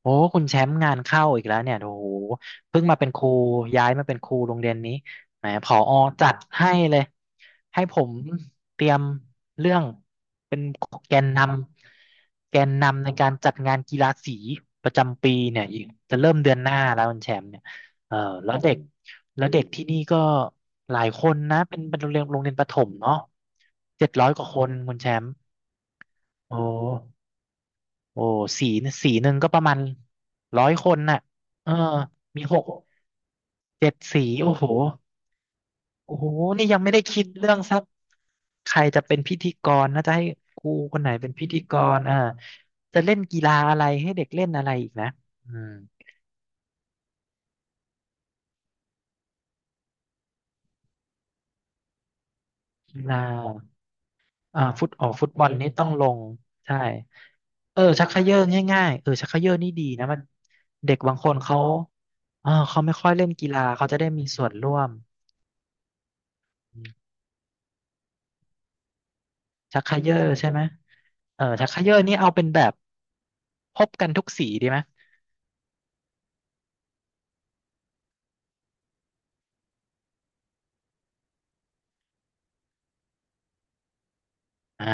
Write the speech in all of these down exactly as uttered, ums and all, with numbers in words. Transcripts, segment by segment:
โอ้คุณแชมป์งานเข้าอีกแล้วเนี่ยโอ้โหเพิ่งมาเป็นครูย้ายมาเป็นครูโรงเรียนนี้แหมผอจัดให้เลยให้ผมเตรียมเรื่องเป็นแกนนำแกนนำในการจัดงานกีฬาสีประจำปีเนี่ยอีกจะเริ่มเดือนหน้าแล้วคุณแชมป์เนี่ยเออแล้วเด็กแล้วเด็กที่นี่ก็หลายคนนะเป็นเป็นโรงเรียนโรงเรียนประถมเนาะเจ็ดร้อยกว่าคนคุณแชมป์โอ้ โอ้สีสีหนึ่งก็ประมาณร้อยคนน่ะเออมีหกเจ็ดสีโอ้โหโอ้โหนี่ยังไม่ได้คิดเรื่องสักใครจะเป็นพิธีกรนะจะให้ครูคนไหนเป็นพิธีกรอ่าจะเล่นกีฬาอะไรให้เด็กเล่นอะไรอีกนะอืมกีฬาอ่าฟุตออกฟุตบอลนี่ต้องลงใช่เออชักเขย่อง่ายๆเออชักเขย่อนี่ดีนะมันเด็กบางคนเขาเออเขาไม่ค่อยเล่นกีฬาเขาจะได้มีส่วนร่วม ชักไคเยอร์ใช่ไหมเออชักไคเยอร์นี่เอาเป็นแบบพบกันทุกสีดีไหมอ่า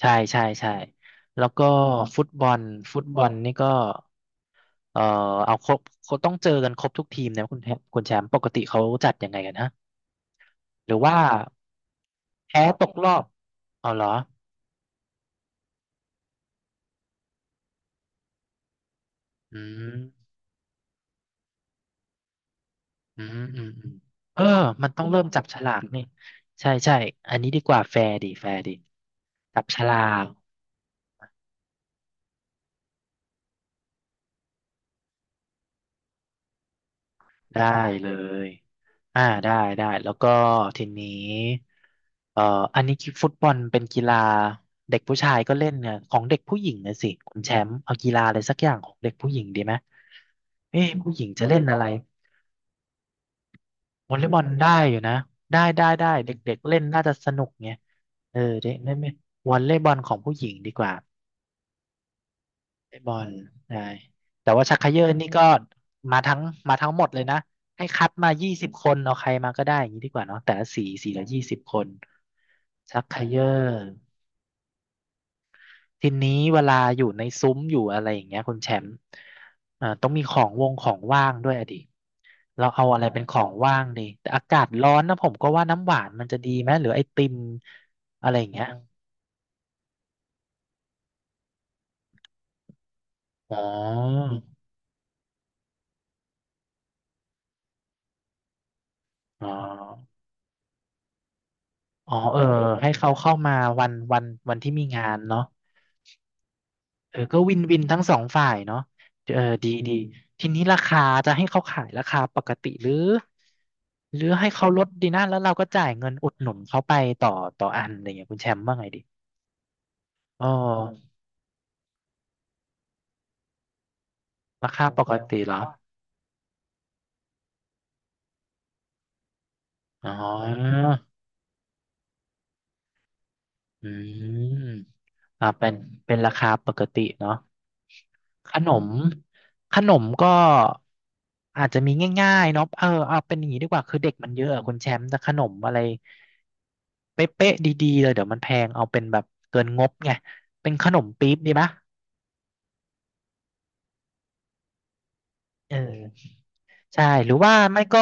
ใช่ใช่ใช่แล้วก็ฟุตบอลฟุตบอลนี่ก็เออเอาครบเขาต้องเจอกันครบทุกทีมนะคุณแชมป์คุณแชมป์ปกติเขาจัดยังไงกันฮะหรือว่าแพ้ตกรอบเอาเหรออืมอืมอืมอืมเออมันต้องเริ่มจับฉลากนี่ใช่ใช่อันนี้ดีกว่าแฟร์ดีแฟร์ดีจับฉลาก ได้เลยอ่าได้ได้แล้วก็ทีนี้เอ่ออันนี้ฟุตบอลเป็นกีฬาเด็กผู้ชายก็เล่นไงของเด็กผู้หญิงนะสิคุณแชมป์เอากีฬาอะไรสักอย่างของเด็กผู้หญิงดีไหมเอ๊ะผู้หญิงจะเล่นอะไรวอลเลย์บอลได้อยู่นะได้ได้ได้เด็กๆเล่นน่าจะสนุกไงเออเด็กเล่นไหมวอลเลย์บอลของผู้หญิงดีกว่า ไตบอลใช่แต่ว่าชักเขย่อนี่ก็มาทั้งมาทั้งหมดเลยนะให้คัดมายี่สิบคนเอาใครมาก็ได้อย่างนี้ดีกว่าเนาะแต่ละสีสีละยี่สิบคนชักเขย่อทีนี้เวลาอยู่ในซุ้มอยู่อะไรอย่างเงี้ยคุณแชมป์อ่าต้องมีของวงของว่างด้วยอะดิเราเอาอะไรเป็นของว่างดีแต่อากาศร้อนนะผมก็ว่าน้ำหวานมันจะดีไหมหรือไอติมอะไรอย่างเงี้ยอ๋ออ๋อ อ๋อเออให้เขาเข้ามาวันวันวันที่มีงานเนาะเออก็วินวินทั้งสองฝ่ายเนาะเออดีดีทีนี้ราคาจะให้เขาขายราคาปกติหรือหรือให้เขาลดดีนะแล้วเราก็จ่ายเงินอุดหนุนเขาไปต่อต่ออันอะไรเงี้ยคุณแชมป์ว่าไงดีอ๋อราคาปกติเหรออ๋อ อืมอ่าเป็นเป็นราคาปกติเนาะขนมขนมก็อาจจะมีง่ายๆเนาะเออเอาเป็นอย่างนี้ดีกว่าคือเด็กมันเยอะอะคุณแชมป์แต่ขนมอะไรเป๊ะๆดีๆเลยเดี๋ยวมันแพงเอาเป็นแบบเกินงบไงเป็นขนมปี๊บดีปะเออใช่หรือว่าไม่ก็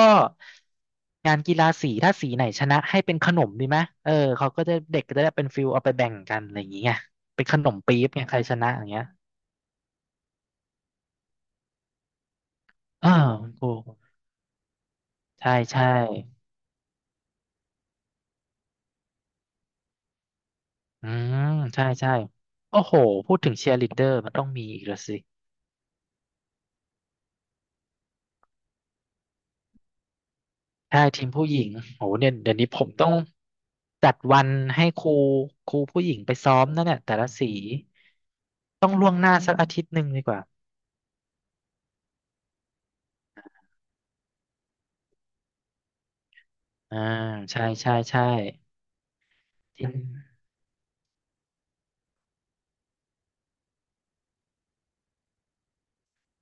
งานกีฬาสีถ้าสีไหนชนะให้เป็นขนมดีไหมเออเขาก็จะเด็กก็จะได้เป็นฟิลเอาไปแบ่งกันอะไรอย่างเงี้ยเป็นขนมปี๊บไงใครชนะอย่างเงี้ย อ่าคุณครูใช่ใช่อืมใช่ใช่โอ้โหพูดถึงเชียร์ลีดเดอร์มันต้องมีอีกแล้วสิใช่ทีมผู้หญิงโหเนี่ยเดี๋ยวนี้ผมต้องจัดวันให้ครูครูผู้หญิงไปซ้อมนั่นเนี่ยแต่ละสีต้องล่วงหน้าสักอาทิตย์หนึ่งดีกว่าอ่าใช่ใช่ใช่จริง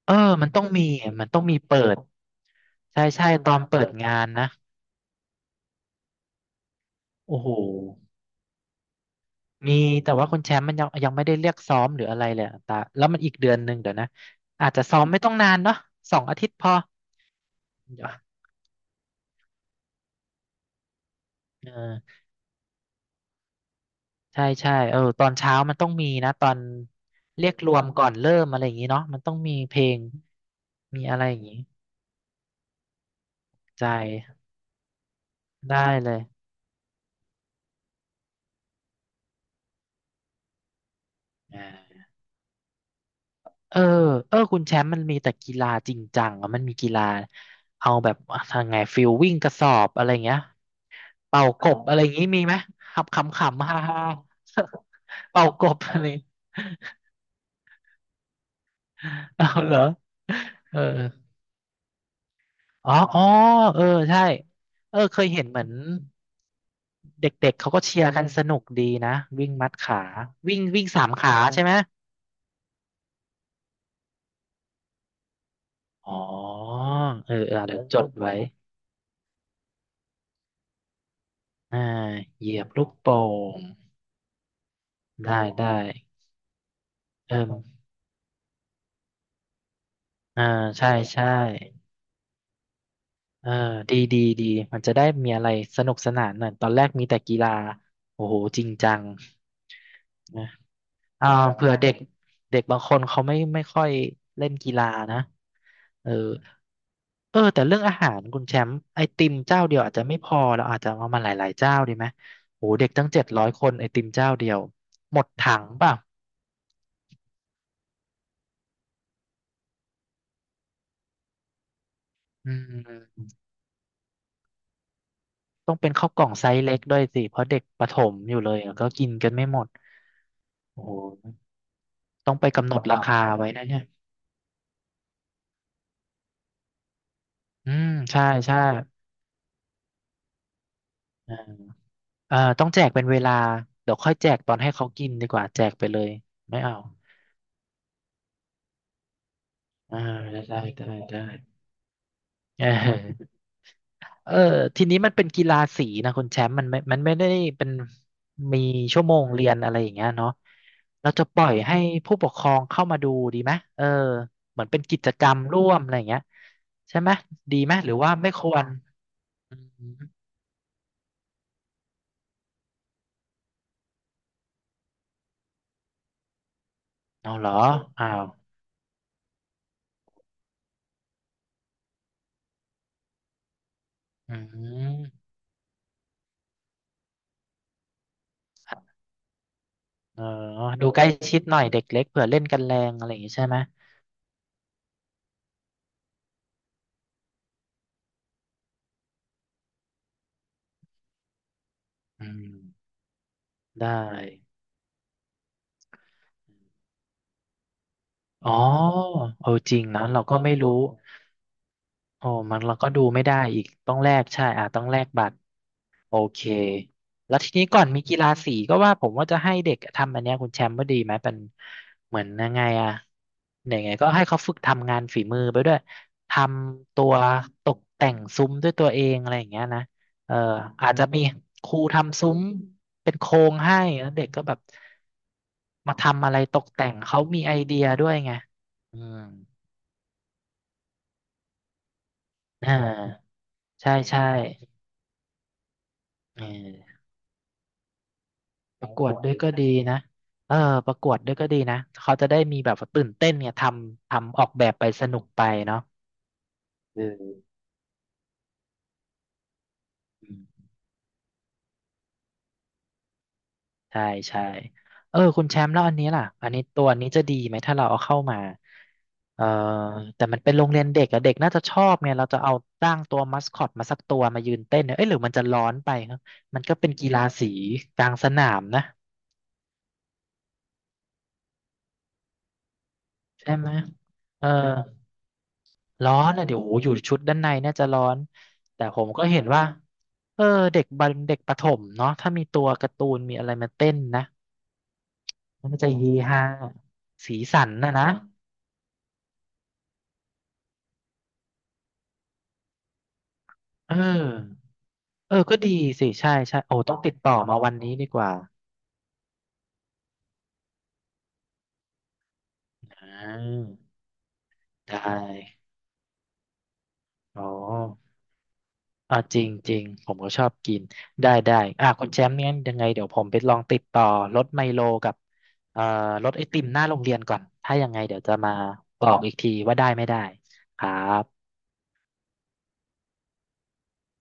เออมันต้องมีอ่ะมันต้องมีเปิดใช่ใช่ตอนเปิดงานนะโอ้โห มีแต่ว่าคุณแชมป์มันยังยังไม่ได้เรียกซ้อมหรืออะไรเลยอะตาแล้วมันอีกเดือนหนึ่งเดี๋ยวนะอาจจะซ้อมไม่ต้องนานเนาะสองอาทิตย์พอเดี๋ยวเออใช่ใช่เออตอนเช้ามันต้องมีนะตอนเรียกรวมก่อนเริ่มอะไรอย่างนี้เนาะมันต้องมีเพลงมีอะไรอย่างนี้ใจได้เลยอ่าเออเออคุณแชมป์มันมีแต่กีฬาจริงจังอะมันมีกีฬาเอาแบบทางไงฟิลวิ่งกระสอบอะไรเงี้ย เป่ากบอะไรอย่างงี้มีไหมขับขำขำๆฮ่าฮ่า ๆเป่ากบอะไร เอาเหรอเอออ๋ออ๋อเออใช่เออเคยเห็นเหมือนเด็กๆเขาก็เชียร์กันสนุกดีนะวิ่งมัดขาวิ่งวิ่งสามขาใช่ไหมอ๋อเออเออเดี๋ยวจดไว้อ่าเหยียบลูกโป่งได้ได้เอออ่าใช่ใช่ เออดีดีดีมันจะได้มีอะไรสนุกสนานหน่อยตอนแรกมีแต่กีฬาโอ้โหจริงจังนะอ่าเผื่อเด็กเด็กบางคนเขาไม่ไม่ค่อยเล่นกีฬานะเออเออแต่เรื่องอาหารคุณแชมป์ไอติมเจ้าเดียวอาจจะไม่พอเราอาจจะเอามาหลายๆเจ้าดีไหมโอ้โหเด็กตั้งเจ็ดร้อยคนไอติมเจ้าเดียวหมดถังเปล่ะอืมต้องเป็นข้าวกล่องไซส์เล็กด้วยสิเพราะเด็กประถมอยู่เลยอะก็กินกันไม่หมดโอ้โหต้องไปกำหนดราคาไว้นะเนี่ย อืมใช่ใช่อ่าเอ่อต้องแจกเป็นเวลาเดี๋ยวค่อยแจกตอนให้เขากินดีกว่าแจกไปเลยไม่เอาอ่าได้ได้ได้ได้เออเออทีนี้มันเป็นกีฬาสีนะคุณแชมป์มันไม่มันไม่ได้เป็นมีชั่วโมงเรียนอะไรอย่างเงี้ยเนาะเราจะปล่อยให้ผู้ปกครองเข้ามาดูดีไหมเออเหมือนเป็นกิจกรรมร่วมอะไรอย่างเงี้ยใช่ไหมดีไหมหรือว่าไม่ควรอืมเอาเหรออ้าวอืม เออดูใกล้ชิดหน่อยเด็กเล็กเผื่อเล่นกันแรงอะไรอย่างงี้ใช่ไหมอืม ได้ อ๋อเออจริงนะเราก็ไม่รู้โอ้มันเราก็ดูไม่ได้อีกต้องแลกใช่อ่ะต้องแลกบัตร โอเค แล้วทีนี้ก่อนมีกีฬาสีก็ว่าผมว่าจะให้เด็กทำอันเนี้ยคุณแชมป์ว่าดีไหมเป็นเหมือนยังไงอะยังไงก็ให้เขาฝึกทำงานฝีมือไปด้วย ทำตัวตกแต่งซุ้มด้วยตัวเองอะไรอย่างเงี้ยนะเอออาจจะมีครูทำซุ้มเป็นโครงให้แล้วเด็กก็แบบมาทำอะไรตกแต่งเขามีไอเดียด้วยไงอืมอ่าใช่ใช่เออ ประกวดด้วยก็ดีนะเออประกวดด้วยก็ดีนะเขาจะได้มีแบบว่าตื่นเต้นเนี่ยทำทำออกแบบไปสนุกไปเนาะเอออืมใช่ใช่เออคุณแชมป์แล้วอันนี้ล่ะอันนี้ตัวนี้จะดีไหมถ้าเราเอาเข้ามาเออแต่มันเป็นโรงเรียนเด็กอะเด็กน่าจะชอบเนี่ยเราจะเอาตั้างตัวมัสคอตมาสักตัวมายืนเต้นเนี่ยเอ้ยหรือมันจะร้อนไปครับมันก็เป็นกีฬาสีกลางสนามนะใช่ไหมเออ ร้อนอ่ะเดี๋ยวโอ้โหอยู่ชุดด้านในน่าจะร้อนแต่ผมก็เห็นว่าเออเด็กบันเด็กประถมเนาะถ้ามีตัวการ์ตูนมีอะไรมาเต้นนะมันจะเฮฮาสีสันนะนะเออเออก็ดีสิใช่ใช่โอ้ต้องติดต่อมาวันนี้ดีกว่าอ่าได้อ๋อ อ่าจริงจริงผมก็ชอบกินได้ได้อ่ะคุณแชมป์เนี่ยยังไงเดี๋ยวผมไปลองติดต่อรถไมโลกับเอ่อรถไอติมหน้าโรงเรียนก่อนถ้ายังไงเดี๋ยวจะมาบอกอีกทีว่าได้ไม่ได้ครับ